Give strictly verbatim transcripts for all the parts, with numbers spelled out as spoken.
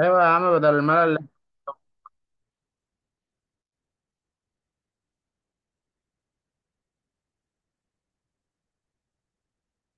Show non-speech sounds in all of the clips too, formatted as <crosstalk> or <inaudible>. ايوه يا عم، بدل الملل.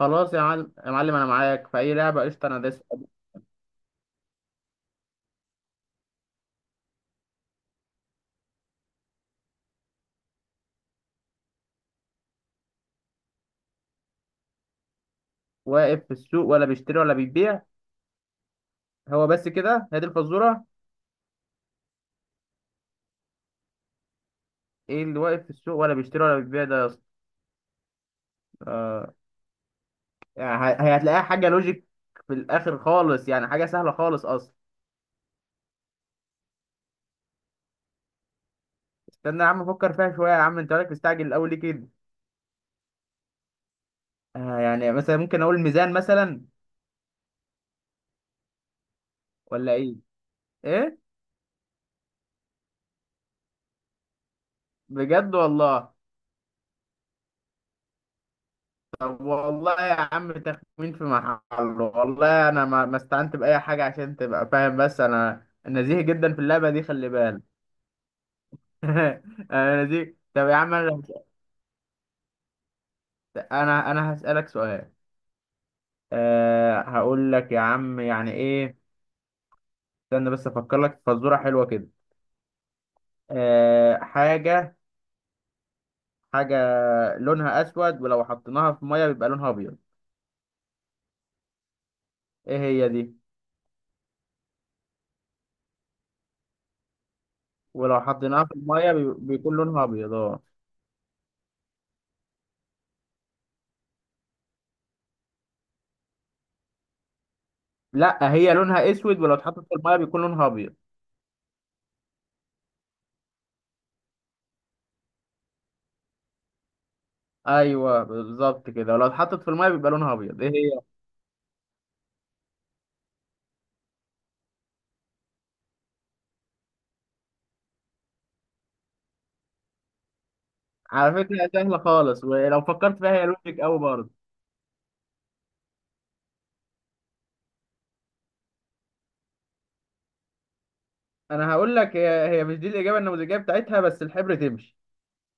خلاص يا معلم، يا معلم انا معاك في اي لعبه. قشطه، انا دايس. واقف في السوق ولا بيشتري ولا بيبيع؟ هو بس كده؟ هي دي الفزوره؟ ايه اللي واقف في السوق ولا بيشتري ولا بيبيع ده يا اسطى؟ آه يعني ه- هي هتلاقيها حاجه لوجيك في الاخر خالص، يعني حاجه سهله خالص اصلا. استنى يا عم افكر فيها شويه، يا عم انت مالك مستعجل الاول ليه كده؟ آه يعني مثلا ممكن اقول ميزان مثلا، ولا ايه؟ ايه، بجد والله؟ طب والله يا عم تخمين في محله. والله انا ما ما استعنت باي حاجه عشان تبقى فاهم، بس انا نزيه جدا في اللعبه دي خلي بالك. <laughs> انا نزيه. طب يا عم انا لو- انا انا هسالك سؤال. أه هقول لك يا عم يعني ايه. استنى بس افكر لك في فزوره حلوه كده. أه، حاجه، حاجه لونها اسود ولو حطيناها في ميه بيبقى لونها ابيض. ايه هي؟ دي ولو حطيناها في الميه بي- بيكون لونها ابيض، اه. لا هي لونها اسود ولو اتحطت في الميه بيكون لونها ابيض. ايوه بالظبط كده، ولو اتحطت في الميه بيبقى لونها ابيض. ايه هي؟ على فكره هي سهله خالص، ولو فكرت فيها هي لوجيك قوي برضه. انا هقول لك، هي هي مش دي الاجابه النموذجيه بتاعتها، بس الحبر تمشي.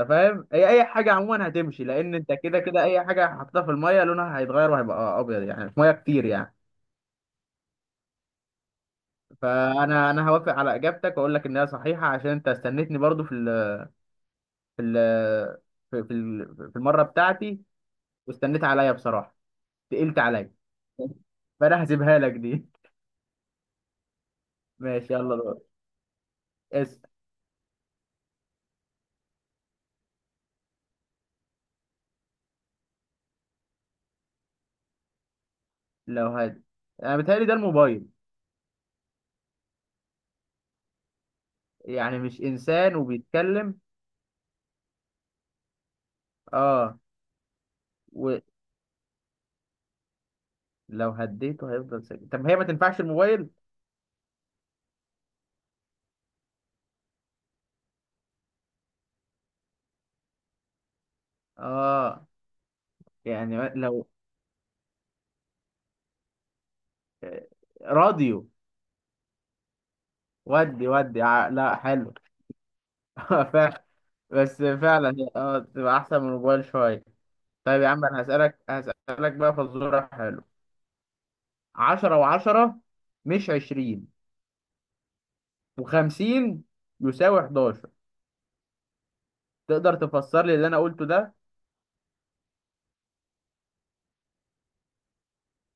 انت فاهم، هي اي حاجه عموما هتمشي لان انت كده كده اي حاجه حطيتها في الميه لونها هيتغير وهيبقى ابيض، يعني في ميه كتير يعني. فانا انا هوافق على اجابتك واقول لك ان هي صحيحه، عشان انت استنيتني برضه في ال في ال في في ال- في المره بتاعتي، واستنيت عليا بصراحه، تقلت عليا، فانا هسيبها لك دي. ماشي يلا دور، اسأل. لو هاد، انا بيتهيألي ده الموبايل. يعني مش انسان وبيتكلم؟ اه. ولو هديته هيفضل ساكت؟ طب هي ما تنفعش الموبايل؟ اه. يعني و- لو آه، راديو؟ ودي ودي ع- لا، حلو. <laughs> فعلا. بس فعلا هي- اه تبقى احسن من الموبايل شوية. طيب يا عم انا هسألك هسألك بقى فزورة حلو. عشرة وعشرة مش عشرين، وخمسين يساوي حداشر. تقدر تفسر لي اللي انا قلته ده؟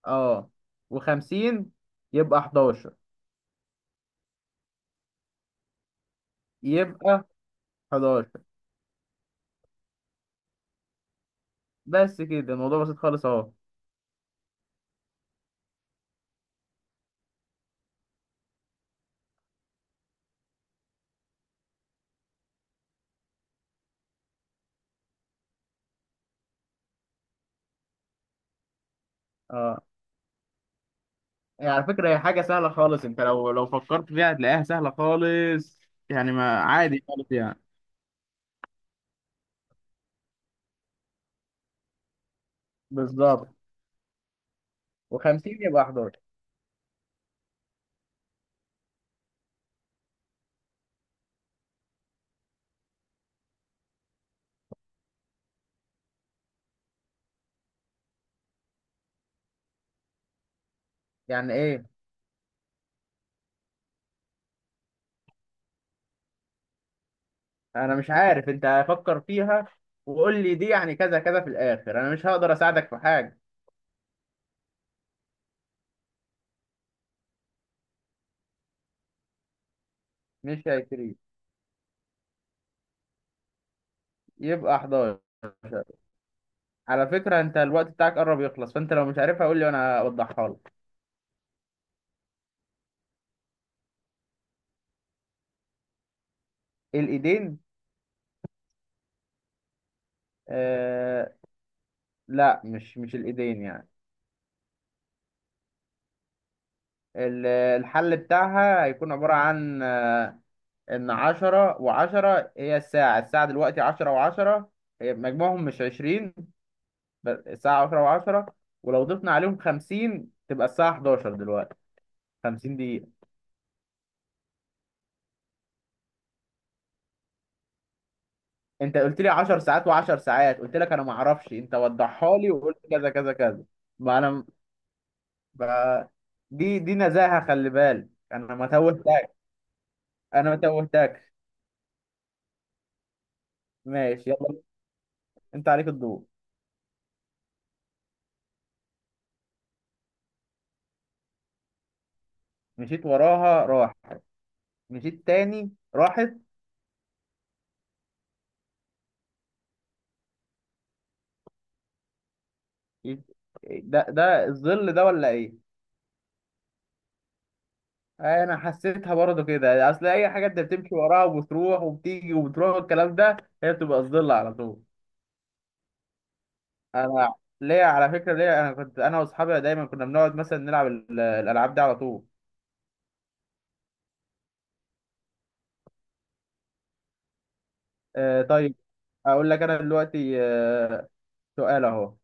اه، وخمسين يبقى حداشر. يبقى حداشر. بس كده، الموضوع بسيط خالص اهو. اه. يعني على فكرة هي حاجة سهلة خالص، انت لو لو فكرت فيها هتلاقيها سهلة خالص، يعني ما عادي خالص يعني. بالظبط. وخمسين يبقى حداشر. يعني ايه؟ انا مش عارف، انت هفكر فيها وقول لي دي يعني كذا كذا في الاخر، انا مش هقدر اساعدك في حاجة. مش هيفرق. يبقى حداشر. على فكرة انت الوقت بتاعك قرب يخلص، فانت لو مش عارفها قول لي وانا اوضحها لك. الايدين؟ آه، لا مش مش الإيدين يعني. ال- الحل بتاعها هيكون عبارة عن آه، إن عشرة وعشرة هي الساعة، الساعة دلوقتي عشرة وعشرة، هي مجموعهم مش عشرين، بس الساعة عشرة وعشرة. ولو ضفنا عليهم خمسين تبقى الساعة حداشر دلوقتي، خمسين دقيقة. أنت قلت لي عشر ساعات وعشر ساعات، قلت لك أنا معرفش، أنت وضحها لي وقلت كذا كذا كذا. ما أنا ب- دي دي نزاهة، خلي بالك أنا ما توهتك، أنا ما توهتكش. ماشي يلا، انت عليك الضوء. مشيت وراها، راح. مشيت تاني، راحت. يت- ده ده الظل، ده ولا ايه؟ انا حسيتها برضه كده، اصل اي حاجه انت بتمشي وراها وبتروح وبتيجي وبتروح والكلام ده، هي بتبقى الظل على طول. انا ليا على فكره، ليا انا، كنت انا واصحابي دايما كنا بنقعد مثلا نلعب ال- الالعاب دي على طول. آه طيب، اقول لك انا دلوقتي آه، سؤال اهو.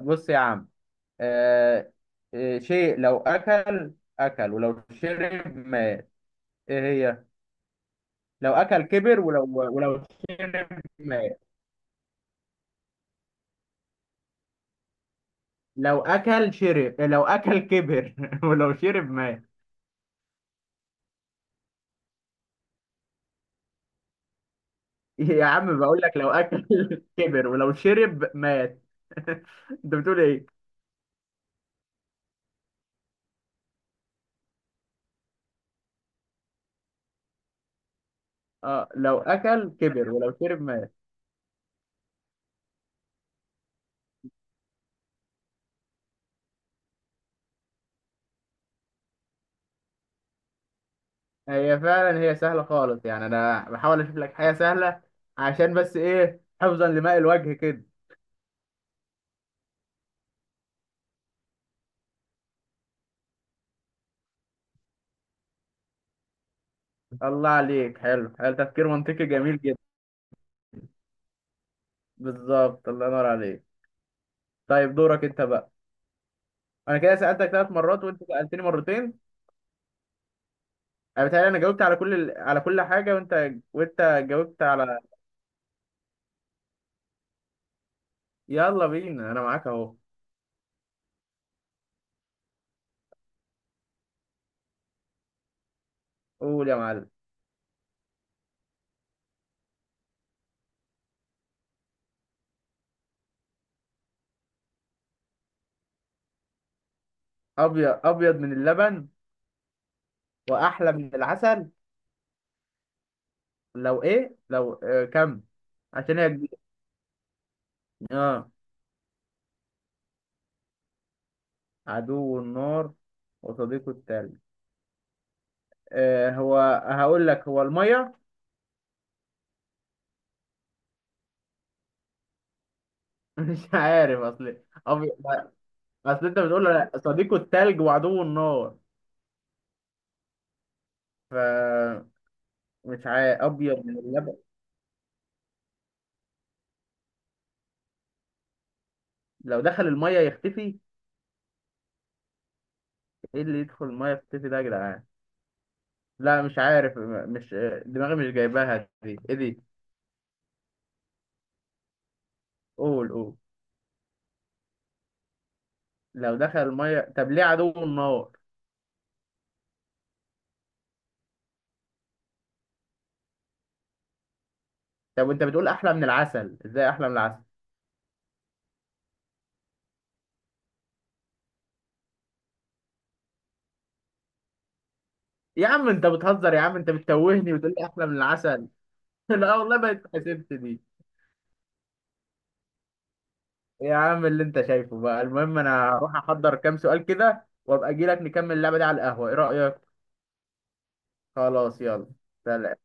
بص يا عم، آه آه، شيء لو اكل، اكل ولو شرب مات، ايه هي؟ لو اكل كبر ولو ولو شرب مات. لو اكل شرب، لو اكل كبر، <laughs> ولو شرب مات. يا عم بقول لك لو اكل <laughs> كبر ولو شرب مات. <laughs> انت بتقول ايه؟ اه، لو اكل كبر ولو شرب مات. هي فعلا هي سهله خالص، يعني انا بحاول اشوف لك حاجه سهله عشان بس ايه، حفظا لماء الوجه كده. الله عليك، حلو حلو، تفكير منطقي جميل جدا. بالظبط، الله ينور عليك. طيب دورك انت بقى. انا كده سألتك ثلاث مرات وانت سألتني مرتين. انا بتهيألي انا جاوبت على كل ال... على كل حاجه، وانت وانت جاوبت على. يلا بينا، انا معاك اهو. قول يا معلم. ابيض، ابيض من اللبن واحلى من العسل. لو ايه، لو آه كم؟ عشان هي كبيرة. اه، عدو النار وصديقه التلج، آه هو هقول لك، هو الميه. <laughs> مش عارف، اصل ابيض، اصل انت بتقول لا، صديقه التلج وعدو النار، ف مش عارف. ابيض من اللبن، لو دخل الميه يختفي. ايه اللي يدخل الميه يختفي ده يا جدعان؟ لا مش عارف، م- مش دماغي مش جايباها دي، ايه دي؟ قول قول. لو دخل الميه، طب ليه عدو النار؟ طب وانت بتقول احلى من العسل، ازاي احلى من العسل؟ يا عم انت بتهزر، يا عم انت بتتوهني وتقول لي احلى من العسل. <laughs> لا والله ما اتحسبت دي. يا عم اللي انت شايفه بقى، المهم انا هروح احضر كام سؤال كده وابقى اجي لك نكمل اللعبه دي على القهوه، ايه رايك؟ خلاص يلا. سلام.